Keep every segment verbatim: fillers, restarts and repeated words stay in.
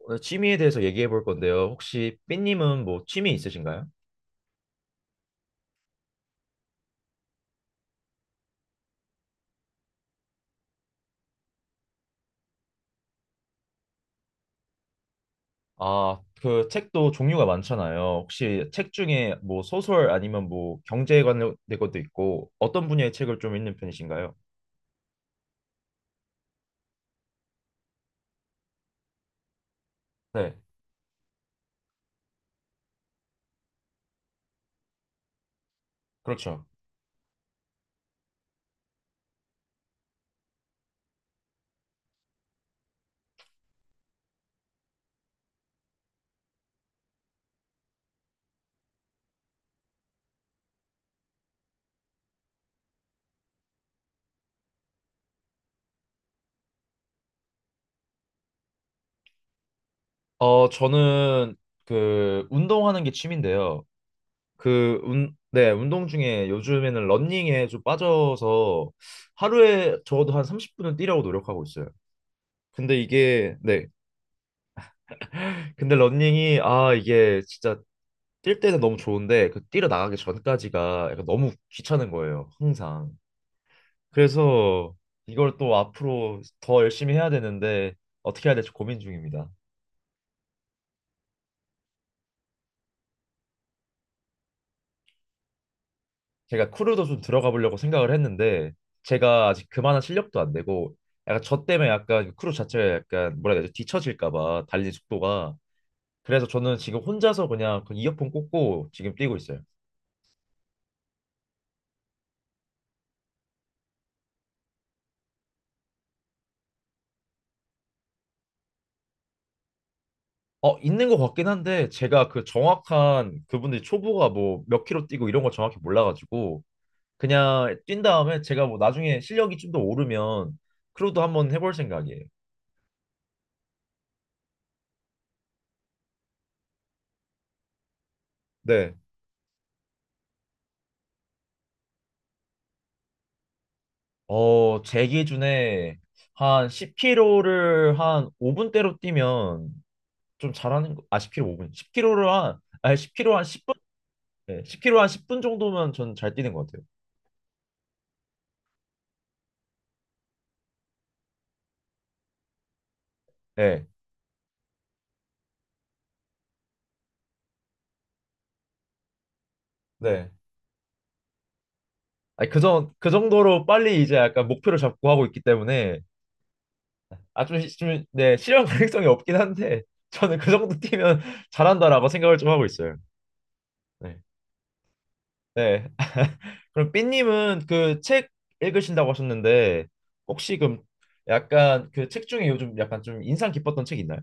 오늘 취미에 대해서 얘기해 볼 건데요. 혹시 삐님은 뭐 취미 있으신가요? 아, 그 책도 종류가 많잖아요. 혹시 책 중에 뭐 소설 아니면 뭐 경제에 관련된 것도 있고 어떤 분야의 책을 좀 읽는 편이신가요? 네. 그렇죠. 어, 저는 그 운동하는 게 취미인데요. 그 운, 네, 운동 중에 요즘에는 러닝에 좀 빠져서 하루에 적어도 한 삼십 분은 뛰려고 노력하고 있어요. 근데 이게 네. 근데 러닝이 아 이게 진짜 뛸 때는 너무 좋은데 그 뛰러 나가기 전까지가 약간 너무 귀찮은 거예요. 항상. 그래서 이걸 또 앞으로 더 열심히 해야 되는데 어떻게 해야 될지 고민 중입니다. 제가 크루도 좀 들어가 보려고 생각을 했는데 제가 아직 그만한 실력도 안 되고 약간 저 때문에 약간 그 크루 자체가 약간 뭐라 해야 되지? 뒤처질까 봐 달리는 속도가. 그래서 저는 지금 혼자서 그냥 그 이어폰 꽂고 지금 뛰고 있어요. 어, 있는 것 같긴 한데 제가 그 정확한 그분들이 초보가 뭐 몇 킬로 뛰고 이런 걸 정확히 몰라가지고 그냥 뛴 다음에 제가 뭐 나중에 실력이 좀 더 오르면 크루도 한번 해볼 생각이에요. 네. 어, 제 기준에 한 십 킬로미터를 한 오 분대로 뛰면 좀 잘하는 거. 아, 십 킬로미터 오 분. 십 킬로미터를 한 아니 십 킬로미터 한 십 분. 네, 십 킬로미터 한 십 분 정도면 전 잘 뛰는 것 같아요. 네. 네. 아니, 그 정, 그 정도로 빨리 이제 약간 목표를 잡고 하고 있기 때문에 아, 좀, 시- 좀 네, 실현 가능성이 없긴 한데 저는 그 정도 뛰면 잘한다라고 생각을 좀 하고 있어요. 네. 네. 그럼 삐님은 그 책 읽으신다고 하셨는데 혹시 그럼 약간 그 책 중에 요즘 약간 좀 인상 깊었던 책 있나요?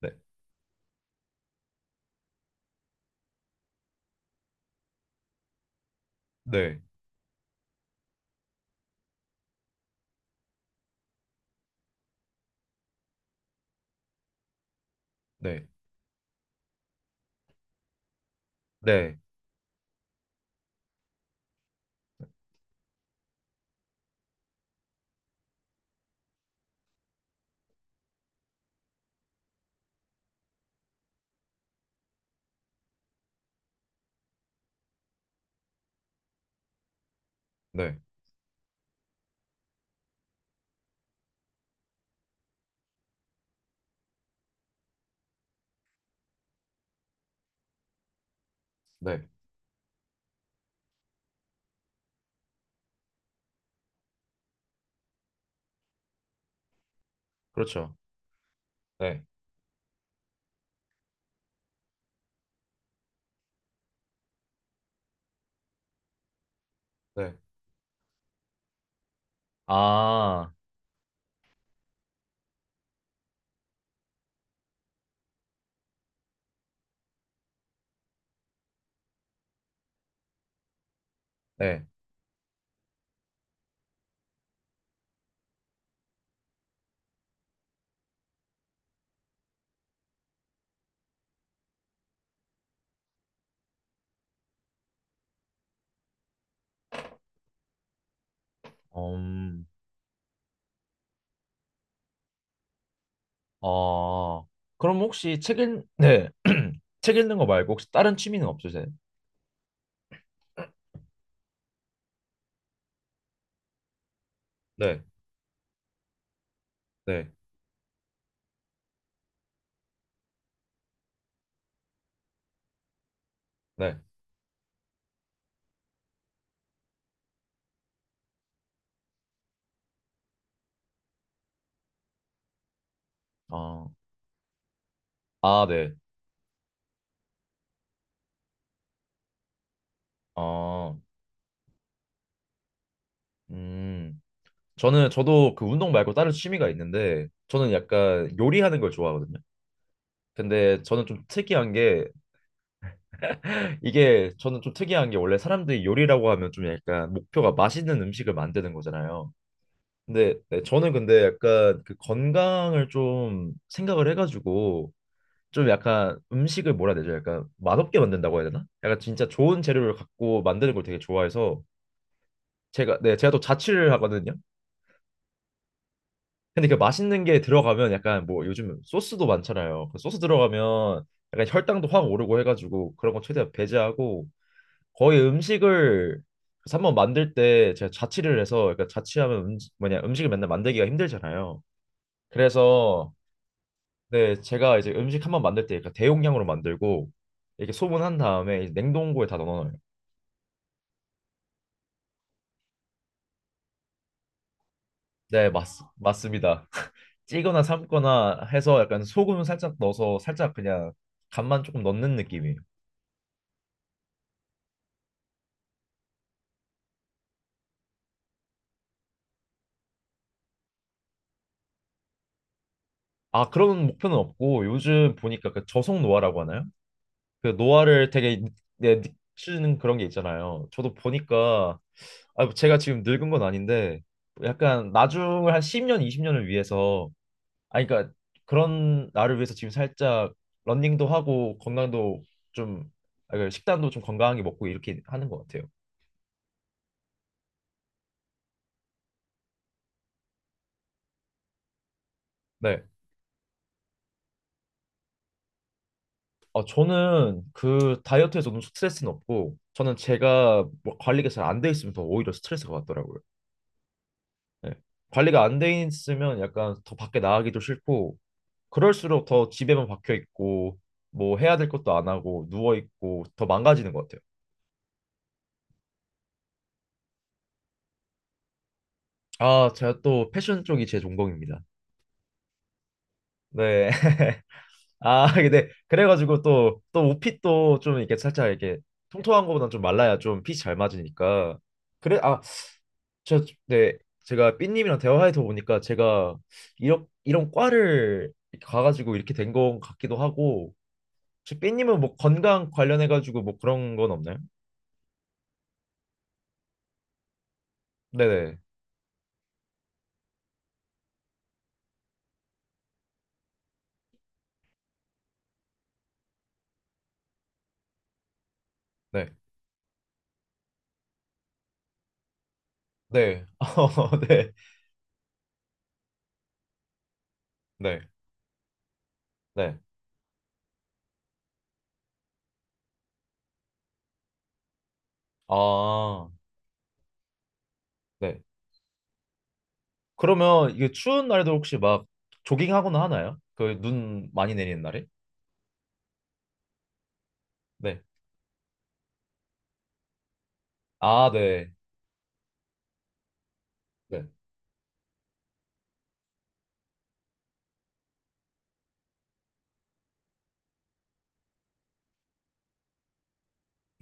네, 네, 네, 네, 네, 네, 그렇죠. 네, 네, 아, 네, 음, 어, 그럼 혹시 책 읽, 네, 책 읽는 거 말고 혹시 다른 취미는 없으세요? 네, 네, 네, 어, 아, 네, 어, 음, 저는 저도 그 운동 말고 다른 취미가 있는데 저는 약간 요리하는 걸 좋아하거든요. 근데 저는 좀 특이한 게 이게 저는 좀 특이한 게 원래 사람들이 요리라고 하면 좀 약간 목표가 맛있는 음식을 만드는 거잖아요. 근데 네, 저는 근데 약간 그 건강을 좀 생각을 해가지고 좀 약간 음식을 뭐라 해야 되죠? 약간 맛없게 만든다고 해야 되나? 약간 진짜 좋은 재료를 갖고 만드는 걸 되게 좋아해서 제가 네, 제가 또 자취를 하거든요. 근데 그 맛있는 게 들어가면 약간 뭐 요즘 소스도 많잖아요. 그 소스 들어가면 약간 혈당도 확 오르고 해가지고 그런 거 최대한 배제하고 거의 음식을 그래서 한번 만들 때 제가 자취를 해서 그러니까 자취하면 음, 뭐냐 음식을 맨날 만들기가 힘들잖아요. 그래서, 네, 제가 이제 음식 한 번 만들 때 그러니까 대용량으로 만들고 이렇게 소분한 다음에 이제 냉동고에 다 넣어놔요. 네, 맞, 맞습니다. 찌거나 삶거나 해서 약간 소금을 살짝 넣어서 살짝 그냥 간만 조금 넣는 느낌이에요. 아, 그런 목표는 없고 요즘 보니까 그 저속 노화라고 하나요? 그 노화를 되게 네, 느끼는 그런 게 있잖아요. 저도 보니까 아, 뭐 제가 지금 늙은 건 아닌데 약간 나중을 한 십 년, 이십 년을 위해서 아니 그러니까 그런 나를 위해서 지금 살짝 러닝도 하고 건강도 좀 아, 그 식단도 좀 건강하게 먹고 이렇게 하는 것 같아요. 네. 어, 저는 그 다이어트에서 너무 스트레스는 없고 저는 제가 뭐 관리가 잘 안 돼 있으면 더 오히려 스트레스가 받더라고요. 네. 관리가 안 돼 있으면 약간 더 밖에 나가기도 싫고 그럴수록 더 집에만 박혀 있고 뭐 해야 될 것도 안 하고 누워 있고 더 망가지는 것 같아요. 아, 제가 또 패션 쪽이 제 전공입니다. 네. 아, 근데 그래가지고 또 또 옷핏도 좀 이렇게 살짝 이렇게 통통한 거보다좀 말라야 좀 핏이 잘 맞으니까. 그래 아, 저 네. 제가 삐님이랑 대화해서 보니까 제가 이런 이런 과를 이렇게 가가지고 이렇게 된 것 같기도 하고 혹시 삐님은 뭐 건강 관련해가지고 뭐 그런 건 없나요? 네네. 네. 네. 어, 네. 네. 네. 아, 네. 그러면 이게 추운 날도 혹시 막 조깅하거나 하나요? 그 눈 많이 내리는 날에? 네. 아, 네. 네.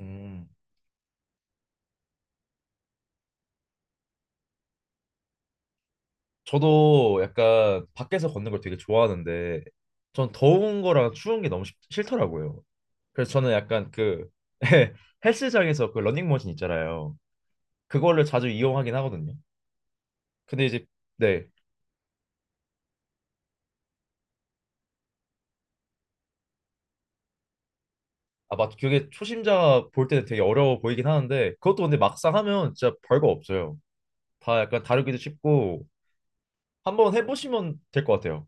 음. 저도 약간 밖에서 걷는 걸 되게 좋아하는데 전 더운 거랑 추운 게 너무 싫- 싫더라고요. 그래서 저는 약간 그 헬스장에서 그 러닝머신 있잖아요. 그거를 자주 이용하긴 하거든요. 근데 이제 네. 아, 맞. 그게 초심자 볼 때는 되게 어려워 보이긴 하는데 그것도 근데 막상 하면 진짜 별거 없어요. 다 약간 다루기도 쉽고 한번 해보시면 될 것 같아요.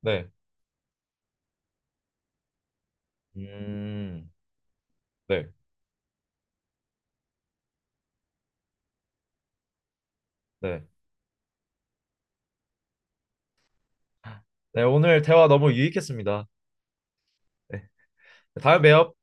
네. 음. 네. 네. 네. 오늘 대화 너무 유익했습니다. 네. 다음에 봬요.